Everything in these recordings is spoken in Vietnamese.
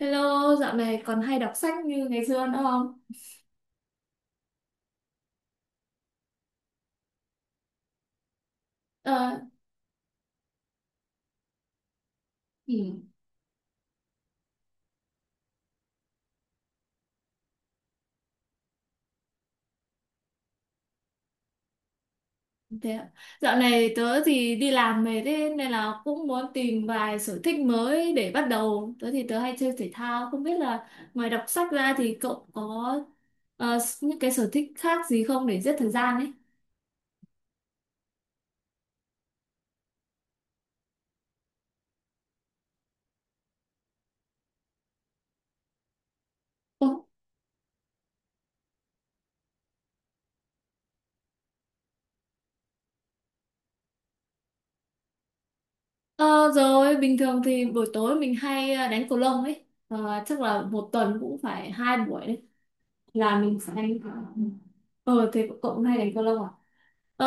Hello, dạo này còn hay đọc sách như ngày xưa nữa không? Ờ, ừ, thế ạ. Dạo này tớ thì đi làm về thế nên là cũng muốn tìm vài sở thích mới để bắt đầu. Tớ hay chơi thể thao, không biết là ngoài đọc sách ra thì cậu có những cái sở thích khác gì không để giết thời gian ấy? Ồ, ờ, rồi, bình thường thì buổi tối mình hay đánh cầu lông ấy. Ờ, chắc là một tuần cũng phải hai buổi đấy. Là mình sẽ đánh... Ờ, thế cậu cũng hay đánh cầu lông à? Ờ,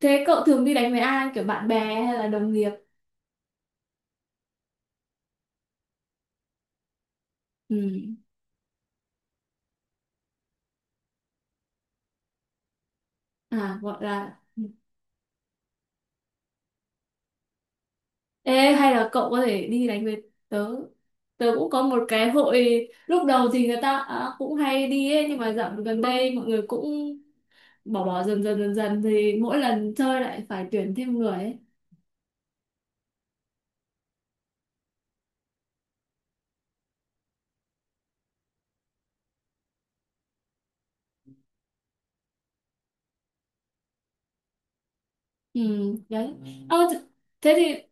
thế cậu thường đi đánh với ai, kiểu bạn bè hay là đồng nghiệp? Ừ, à gọi là, ê, hay là cậu có thể đi đánh với tớ. Tớ cũng có một cái hội, lúc đầu thì người ta cũng hay đi ấy, nhưng mà dạo gần đây mọi người cũng bỏ bỏ dần dần thì mỗi lần chơi lại phải tuyển thêm người ấy. Ừ, đấy. Ờ, thế thì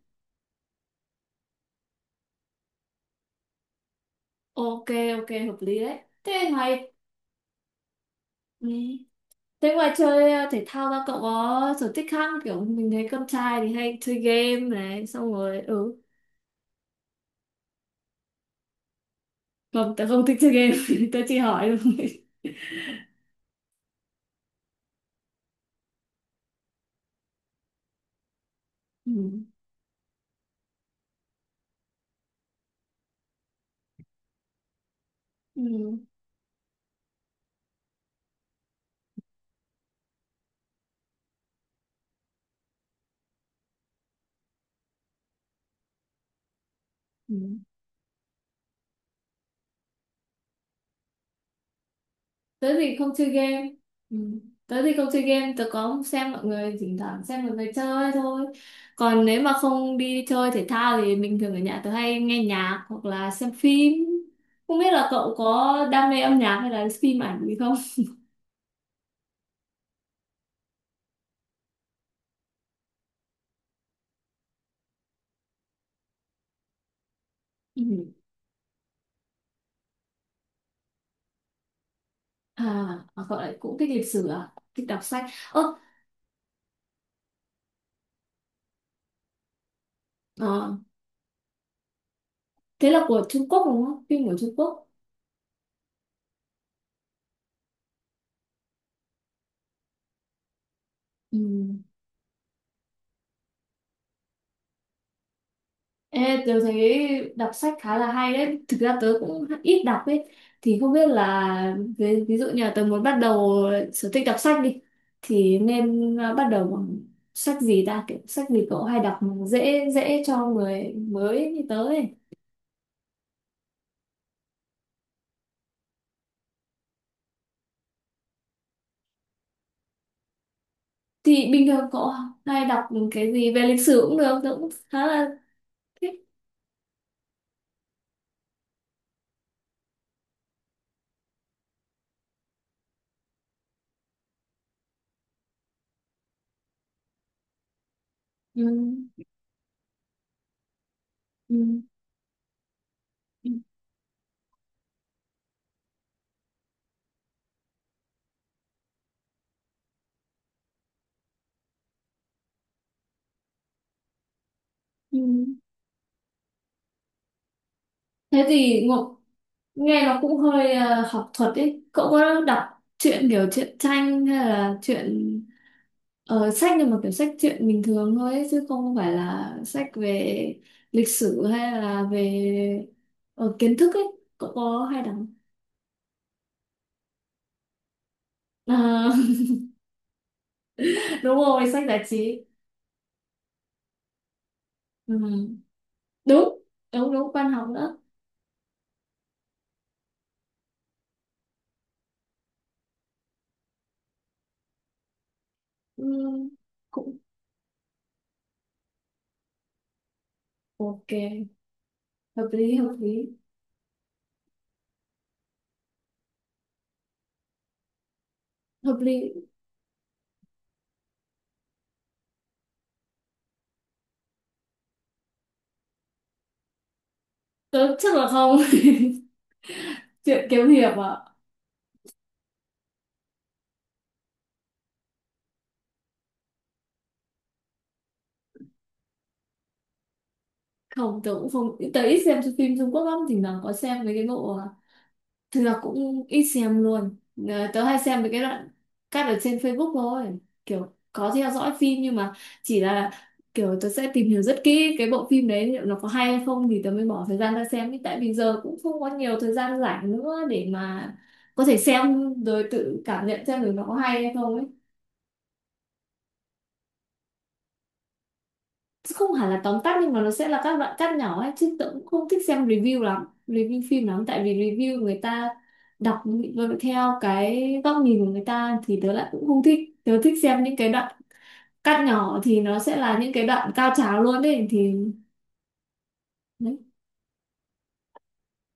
ok, ok hợp lý đấy. Thế ngoài, ừ, thế ngoài chơi thể thao ra cậu có sở thích khác không? Kiểu mình thấy con trai thì hay chơi game này, xong rồi ừ. Không, tớ không thích chơi game. Tớ chỉ hỏi thôi. Ừ. Ừ. Ừ. Tớ thì không chơi game. Ừ. Tớ thì không chơi game, tớ có xem mọi người, thỉnh thoảng xem mọi người chơi thôi. Còn nếu mà không đi chơi thể thao thì mình thường ở nhà tớ hay nghe nhạc hoặc là xem phim. Không biết là cậu có đam mê âm nhạc hay là phim ảnh gì không? Ừ. À, à, gọi là cũng thích lịch sử à? Thích đọc sách. Ơ, ờ, thế là của Trung Quốc đúng không? Phim của Trung Quốc. Ừ. Ê, tớ thấy đọc sách khá là hay đấy. Thực ra tớ cũng ít đọc ấy. Thì không biết là ví dụ như là tớ muốn bắt đầu sở thích đọc sách đi. Thì nên bắt đầu bằng sách gì ta? Kiểu sách gì cậu hay đọc mà dễ dễ cho người mới như tớ ấy. Thì bình thường cậu hay đọc cái gì về lịch sử cũng được. Tớ cũng khá là thích. Ừ. Ừ. Ừ. Thế thì Ngọc nghe nó cũng hơi học thuật ấy. Cậu có đọc truyện, kiểu truyện tranh hay là truyện, sách nhưng mà kiểu sách truyện bình thường thôi ấy, chứ không phải là sách về lịch sử hay là về kiến thức ấy. Cậu có hay đọc? Ờ, đúng rồi, sách giải trí. Ừ. Đúng, đúng, đúng, văn học nữa. Ừ. Cũng ok, hợp lý, hợp lý, hợp lý. Tớ chắc là không. Chuyện kiếm hiệp ạ. Không, tớ cũng không, tớ ít xem phim Trung Quốc lắm, thỉnh thoảng có xem mấy cái bộ thực ra cũng ít xem luôn. Ờ, tớ hay xem mấy cái đoạn cắt ở trên Facebook thôi, kiểu có theo dõi phim nhưng mà chỉ là kiểu tớ sẽ tìm hiểu rất kỹ cái bộ phim đấy liệu nó có hay hay không thì tớ mới bỏ thời gian ra xem ý, tại vì giờ cũng không có nhiều thời gian rảnh nữa để mà có thể xem rồi tự cảm nhận xem được nó có hay hay không ấy. Không hẳn là tóm tắt nhưng mà nó sẽ là các đoạn cắt nhỏ ấy, chứ tớ cũng không thích xem review lắm, review phim lắm, tại vì review người ta đọc theo cái góc nhìn của người ta thì tớ lại cũng không thích, tớ thích xem những cái đoạn cắt nhỏ thì nó sẽ là những cái đoạn cao trào luôn đấy thì đấy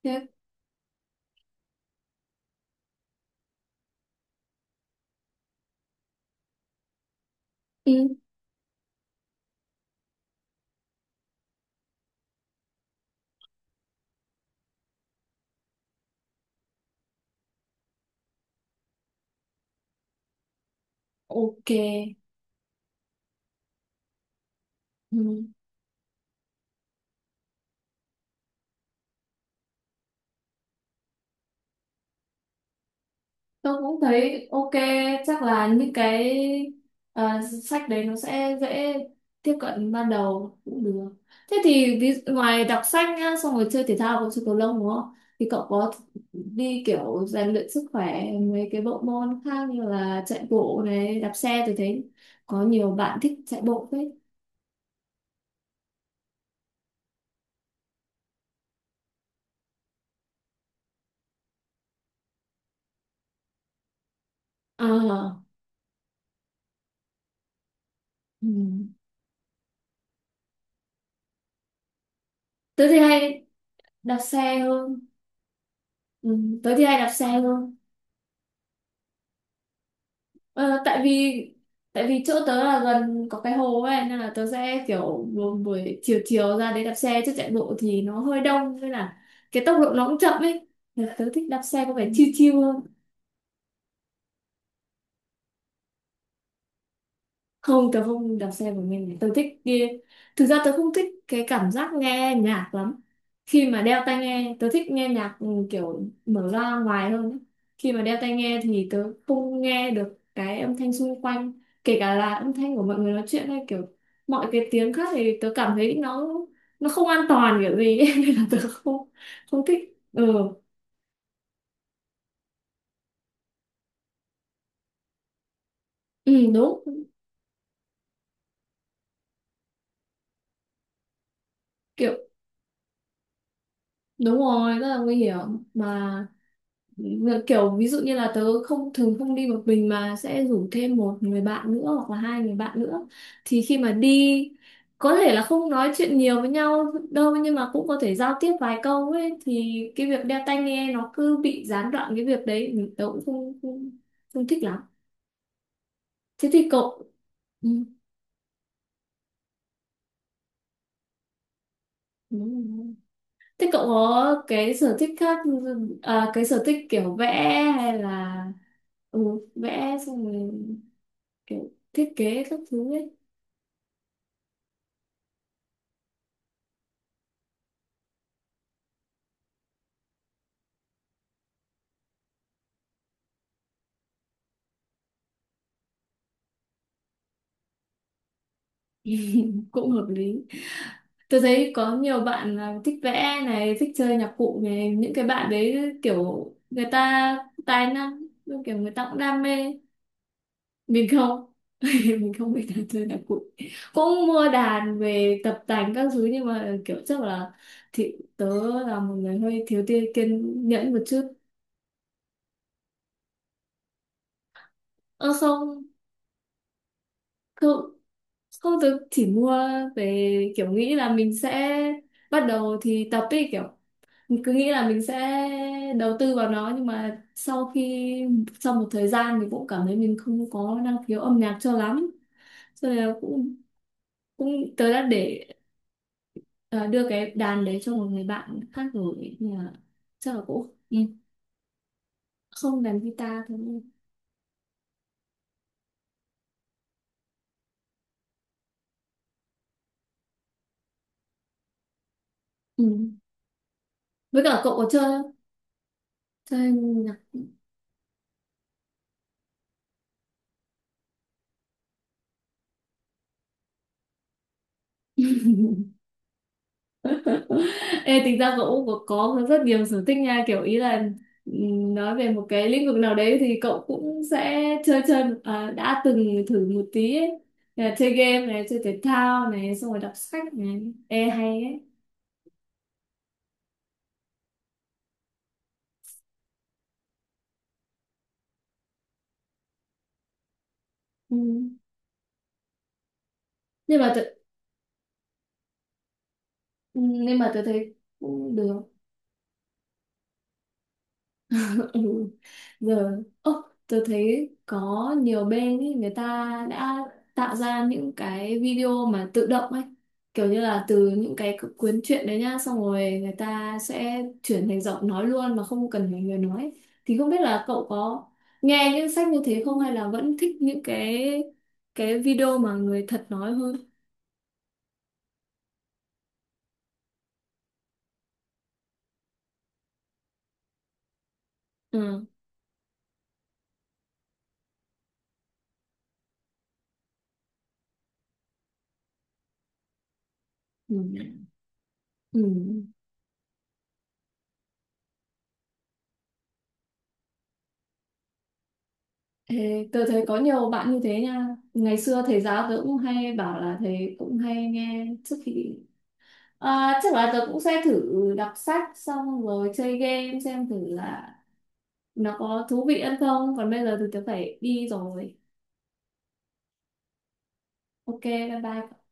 thế. Ừ, ok. Ừ. Tôi cũng thấy ok, chắc là những cái ờ, sách đấy nó sẽ dễ tiếp cận ban đầu cũng được. Thế thì ngoài đọc sách nhá xong rồi chơi thể thao cũng chơi cầu lông đúng không, thì cậu có đi kiểu rèn luyện sức khỏe mấy cái bộ môn khác như là chạy bộ này, đạp xe, tôi thấy có nhiều bạn thích chạy bộ phết. À, ừ. Tớ thì hay đạp xe hơn. Ừ. Tớ thì hay đạp xe hơn. Ờ, tại vì, tại vì chỗ tớ là gần có cái hồ ấy nên là tớ sẽ kiểu buổi buổi chiều chiều ra đấy đạp xe, chứ chạy bộ thì nó hơi đông nên là cái tốc độ nó cũng chậm ấy. Nên tớ thích đạp xe có vẻ chill chill hơn. Không, tớ không đạp xe của mình, tớ thích đi, thực ra tớ không thích cái cảm giác nghe nhạc lắm khi mà đeo tai nghe. Tớ thích nghe nhạc ừ, kiểu mở ra ngoài hơn ấy. Khi mà đeo tai nghe thì tớ không nghe được cái âm thanh xung quanh, kể cả là âm thanh của mọi người nói chuyện hay kiểu mọi cái tiếng khác, thì tớ cảm thấy nó không an toàn kiểu gì ấy. Nên là tớ không không thích ừ. Ừ đúng, kiểu đúng rồi, rất là nguy hiểm mà, kiểu ví dụ như là tớ không, thường không đi một mình mà sẽ rủ thêm một người bạn nữa hoặc là hai người bạn nữa, thì khi mà đi có thể là không nói chuyện nhiều với nhau đâu, nhưng mà cũng có thể giao tiếp vài câu ấy, thì cái việc đeo tai nghe nó cứ bị gián đoạn cái việc đấy thì tớ cũng không không, không thích lắm. Thế thì cậu, ừ, đúng rồi. Thế cậu có cái sở thích khác, cái sở thích kiểu vẽ hay là ừ, vẽ xong rồi kiểu thiết kế các thứ ấy. Cũng hợp lý. Tôi thấy có nhiều bạn là thích vẽ này, thích chơi nhạc cụ này, những cái bạn đấy kiểu người ta tài năng, kiểu người ta cũng đam mê. Mình không, mình không biết là chơi nhạc cụ, cũng mua đàn về tập tành các thứ nhưng mà kiểu chắc là thì tớ là một người hơi thiếu tiên kiên nhẫn một chút. Ơ không, không, không, tớ chỉ mua về kiểu nghĩ là mình sẽ bắt đầu thì tập ấy, kiểu mình cứ nghĩ là mình sẽ đầu tư vào nó, nhưng mà sau khi, sau một thời gian mình cũng cảm thấy mình không có năng khiếu âm nhạc cho lắm, cho nên là cũng, cũng tớ đã để ờ, đưa cái đàn đấy cho một người bạn khác rồi. Nhưng mà chắc là cũng ừ, không, đàn guitar thôi. Ừ. Với cả cậu có chơi không? Chơi nhạc. Ê, tính ra cậu cũng có rất nhiều sở thích nha, kiểu ý là nói về một cái lĩnh vực nào đấy thì cậu cũng sẽ chơi chơi đã từng thử một tí ấy. Là chơi game này, chơi thể thao này, xong rồi đọc sách này. Ê hay ấy. Ừ. nhưng mà tớ, ừ, nhưng mà tớ thấy cũng được. Giờ ơ, tôi thấy có nhiều bên ý, người ta đã tạo ra những cái video mà tự động ấy, kiểu như là từ những cái cuốn truyện đấy nhá xong rồi người ta sẽ chuyển thành giọng nói luôn mà không cần phải người nói. Thì không biết là cậu có nghe những sách như thế không, hay là vẫn thích những cái video mà người thật nói hơn. Ừ. Ừ. Ừ. Ê, tôi thấy có nhiều bạn như thế nha, ngày xưa thầy giáo tôi cũng hay bảo là thầy cũng hay nghe trước khi. À, chắc là tớ cũng sẽ thử đọc sách xong rồi chơi game xem thử là nó có thú vị hơn không. Còn bây giờ thì tớ phải đi rồi. Ok, bye bye.